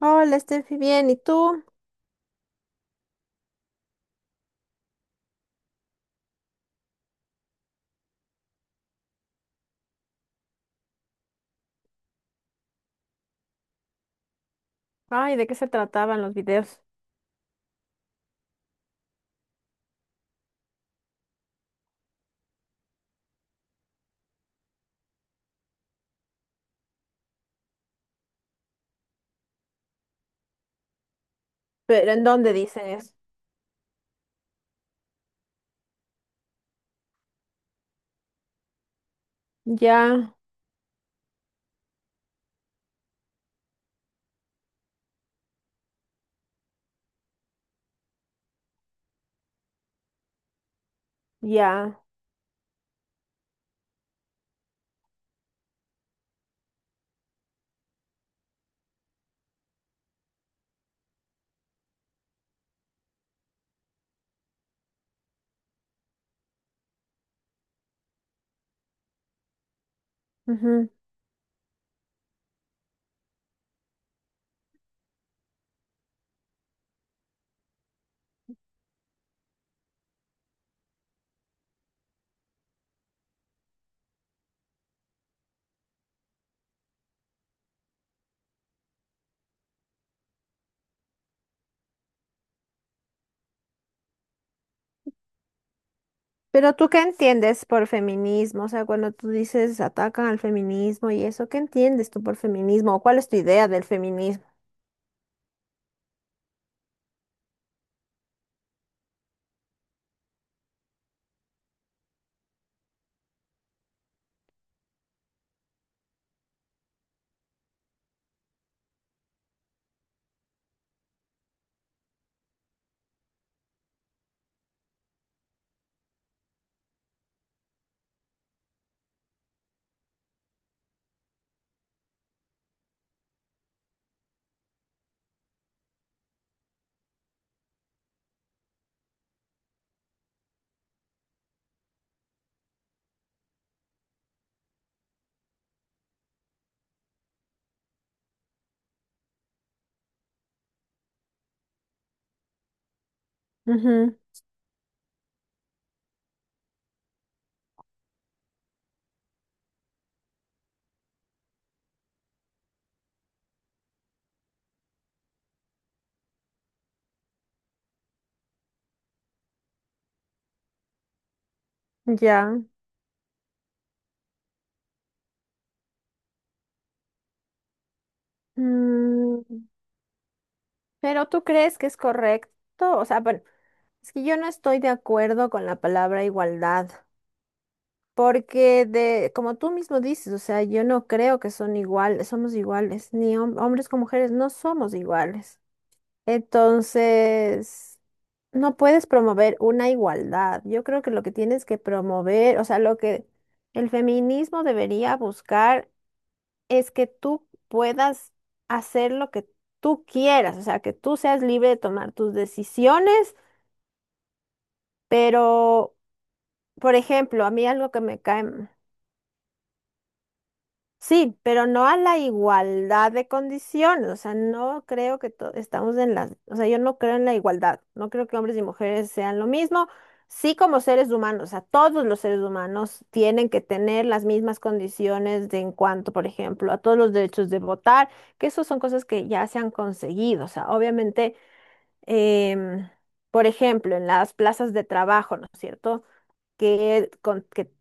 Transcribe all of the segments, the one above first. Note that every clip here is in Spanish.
Hola, Steffi, bien, ¿y tú? Ay, ¿de qué se trataban los videos? ¿Pero en dónde dicen eso? Ya, ya. Ujú. ¿Pero tú qué entiendes por feminismo? O sea, cuando tú dices atacan al feminismo y eso, ¿qué entiendes tú por feminismo? ¿O cuál es tu idea del feminismo? Ujú, ya. Mm, ¿pero tú crees que es correcto? O sea, bueno, es que yo no estoy de acuerdo con la palabra igualdad. Porque de, como tú mismo dices, o sea, yo no creo que son iguales, somos iguales, ni hombres con mujeres no somos iguales. Entonces, no puedes promover una igualdad. Yo creo que lo que tienes que promover, o sea, lo que el feminismo debería buscar es que tú puedas hacer lo que tú quieras, o sea, que tú seas libre de tomar tus decisiones, pero, por ejemplo, a mí algo que me cae. Sí, pero no a la igualdad de condiciones, o sea, no creo que estamos en la, o sea, yo no creo en la igualdad, no creo que hombres y mujeres sean lo mismo, sí como seres humanos, o sea, todos los seres humanos tienen que tener las mismas condiciones de en cuanto, por ejemplo, a todos los derechos de votar, que eso son cosas que ya se han conseguido, o sea, obviamente, em, por ejemplo, en las plazas de trabajo, ¿no es cierto? Que, que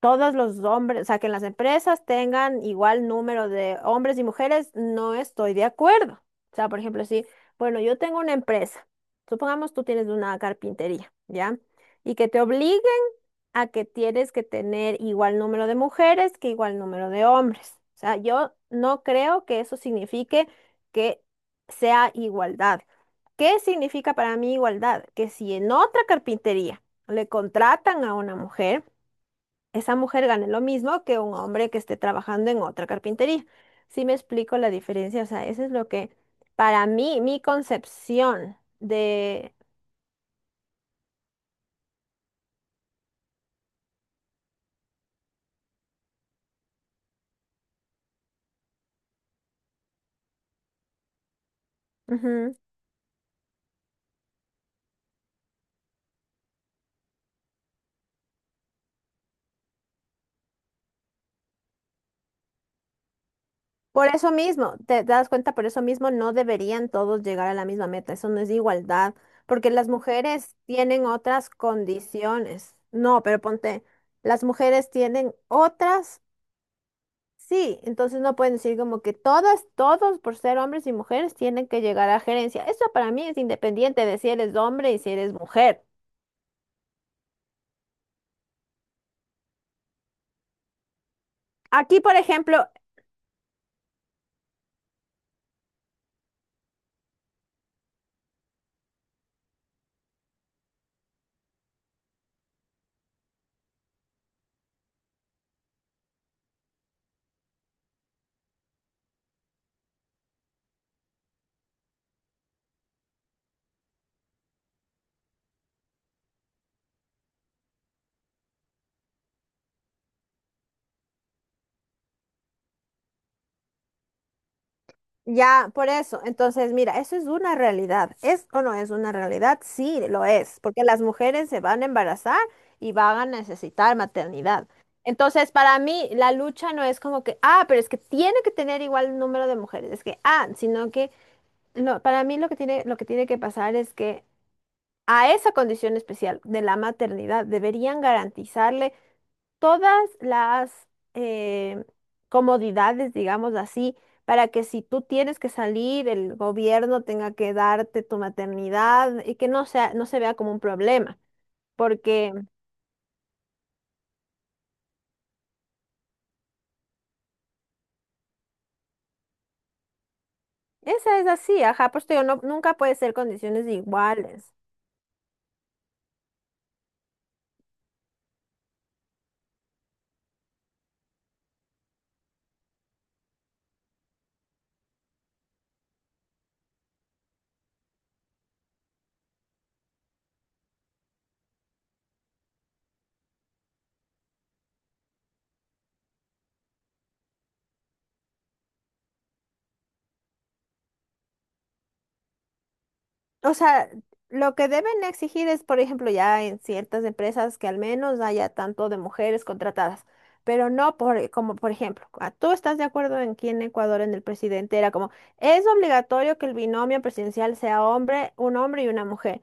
todos los hombres, o sea, que en las empresas tengan igual número de hombres y mujeres, no estoy de acuerdo. O sea, por ejemplo, si, bueno, yo tengo una empresa, supongamos tú tienes una carpintería, ¿ya? Y que te obligue a que tienes que tener igual número de mujeres que igual número de hombres. O sea, yo no creo que eso signifique que sea igualdad. ¿Qué significa para mí igualdad? Que si en otra carpintería le contratan a una mujer, esa mujer gane lo mismo que un hombre que esté trabajando en otra carpintería. ¿Sí me explico la diferencia? O sea, eso es lo que, para mí, mi concepción de... Ujú. Por eso mismo, te das cuenta, por eso mismo no deberían todos llegar a la misma meta. Eso no es igualdad, porque las mujeres tienen otras condiciones. No, pero ponte, las mujeres tienen otras. Sí, entonces no pueden decir como que todas, todos por ser hombres y mujeres tienen que llegar a gerencia. Eso para mí es independiente de si eres hombre y si eres mujer. Aquí, por ejemplo, ya por eso. Entonces, mira, eso es una realidad. ¿Es o no es una realidad? Sí, lo es, porque las mujeres se van a embarazar y van a necesitar maternidad. Entonces, para mí, la lucha no es como que, ah, pero es que tiene que tener igual número de mujeres. Es que, ah, sino que... No, para mí lo que tiene que pasar es que a esa condición especial de la maternidad deberían garantizarle todas las eh, comodidades, digamos así, para que si tú tienes que salir, el gobierno tenga que darte tu maternidad y que no sea, no se vea como un problema, porque esa es así, ajá, pues te digo, nunca puede ser condiciones iguales. O sea, lo que deben exigir es, por ejemplo, ya en ciertas empresas que al menos haya tanto de mujeres contratadas, pero no por, como por ejemplo, ah, tú estás de acuerdo en que en Ecuador en el presidente era como, es obligatorio que el binomio presidencial sea hombre, un hombre y una mujer.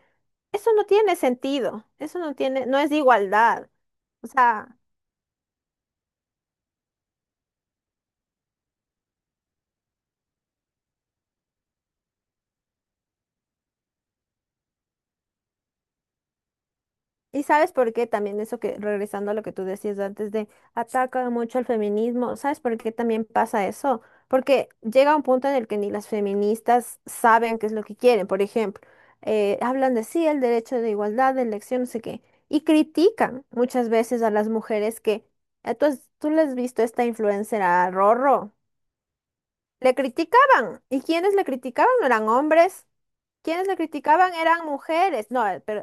Eso no tiene sentido, eso no tiene, no es de igualdad. O sea, y sabes por qué también eso que, regresando a lo que tú decías antes de ataca mucho al feminismo, ¿sabes por qué también pasa eso? Porque llega un punto en el que ni las feministas saben qué es lo que quieren. Por ejemplo, hablan de sí, el derecho de igualdad, de elección, no sé qué, y critican muchas veces a las mujeres que, tú le has visto esta influencer a Rorro, le criticaban, y quienes le criticaban no eran hombres, quienes le criticaban eran mujeres, no, pero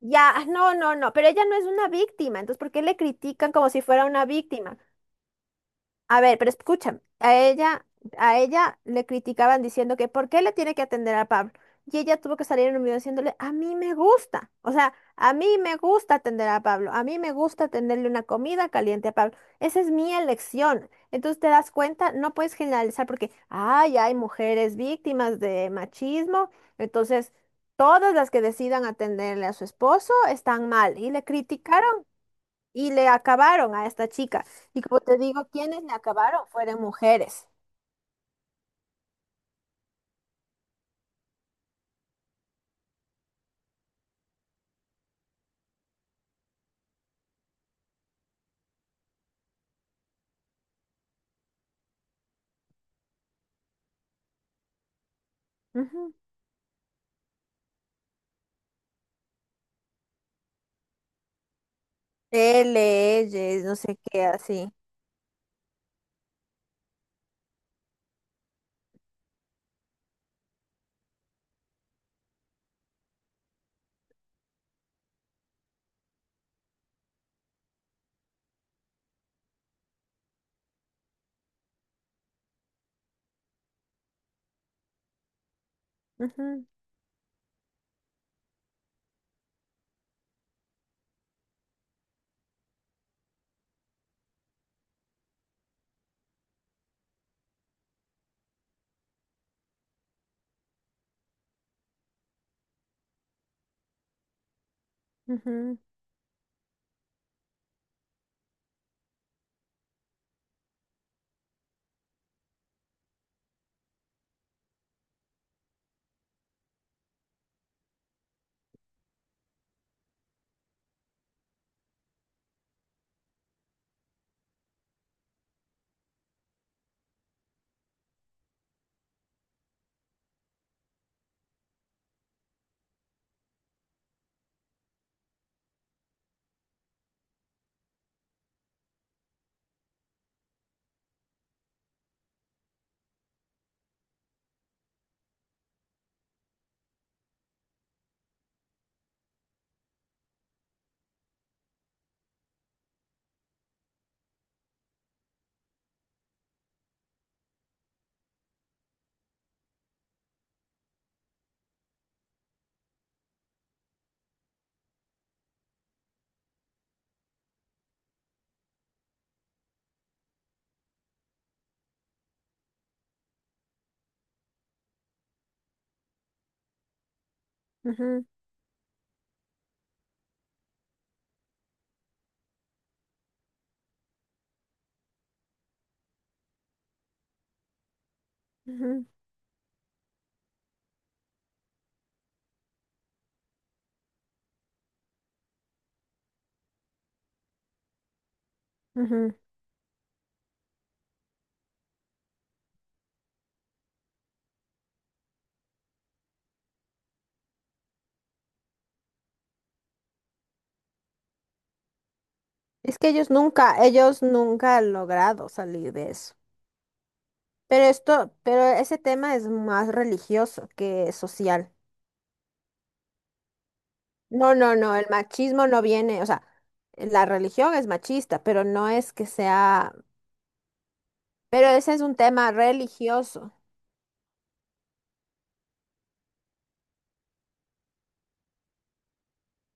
ya, ah, no, no, no, pero ella no es una víctima, entonces ¿por qué le critican como si fuera una víctima? A ver, pero escúchame, a ella le criticaban diciendo que ¿por qué le tiene que atender a Pablo? Y ella tuvo que salir en un video diciéndole, a mí me gusta, o sea, a mí me gusta atender a Pablo, a mí me gusta tenerle una comida caliente a Pablo, esa es mi elección. Entonces te das cuenta, no puedes generalizar porque, ay, hay mujeres víctimas de machismo, entonces todas las que decidan atenderle a su esposo están mal. Y le criticaron y le acabaron a esta chica. Y como te digo, quienes le acabaron fueron mujeres. Ujú. Él, no sé qué, así. Ujú, ujú, ujú, ujú, ujú. Es que ellos nunca han logrado salir de eso. Pero esto, pero ese tema es más religioso que social. No, no, no, el machismo no viene, o sea, la religión es machista, pero no es que sea, pero ese es un tema religioso.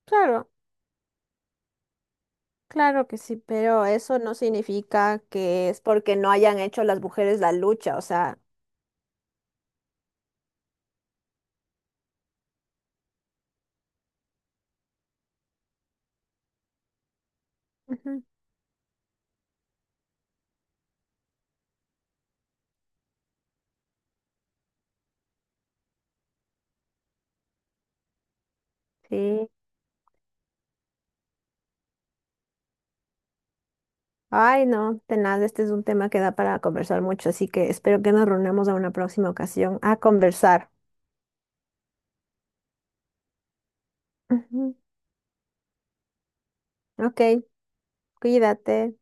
Claro. Claro que sí, pero eso no significa que es porque no hayan hecho las mujeres la lucha, o sea, ujú, sí. Ay, no, de nada, este es un tema que da para conversar mucho, así que espero que nos reunamos a una próxima ocasión a conversar. Ujú, ok, cuídate.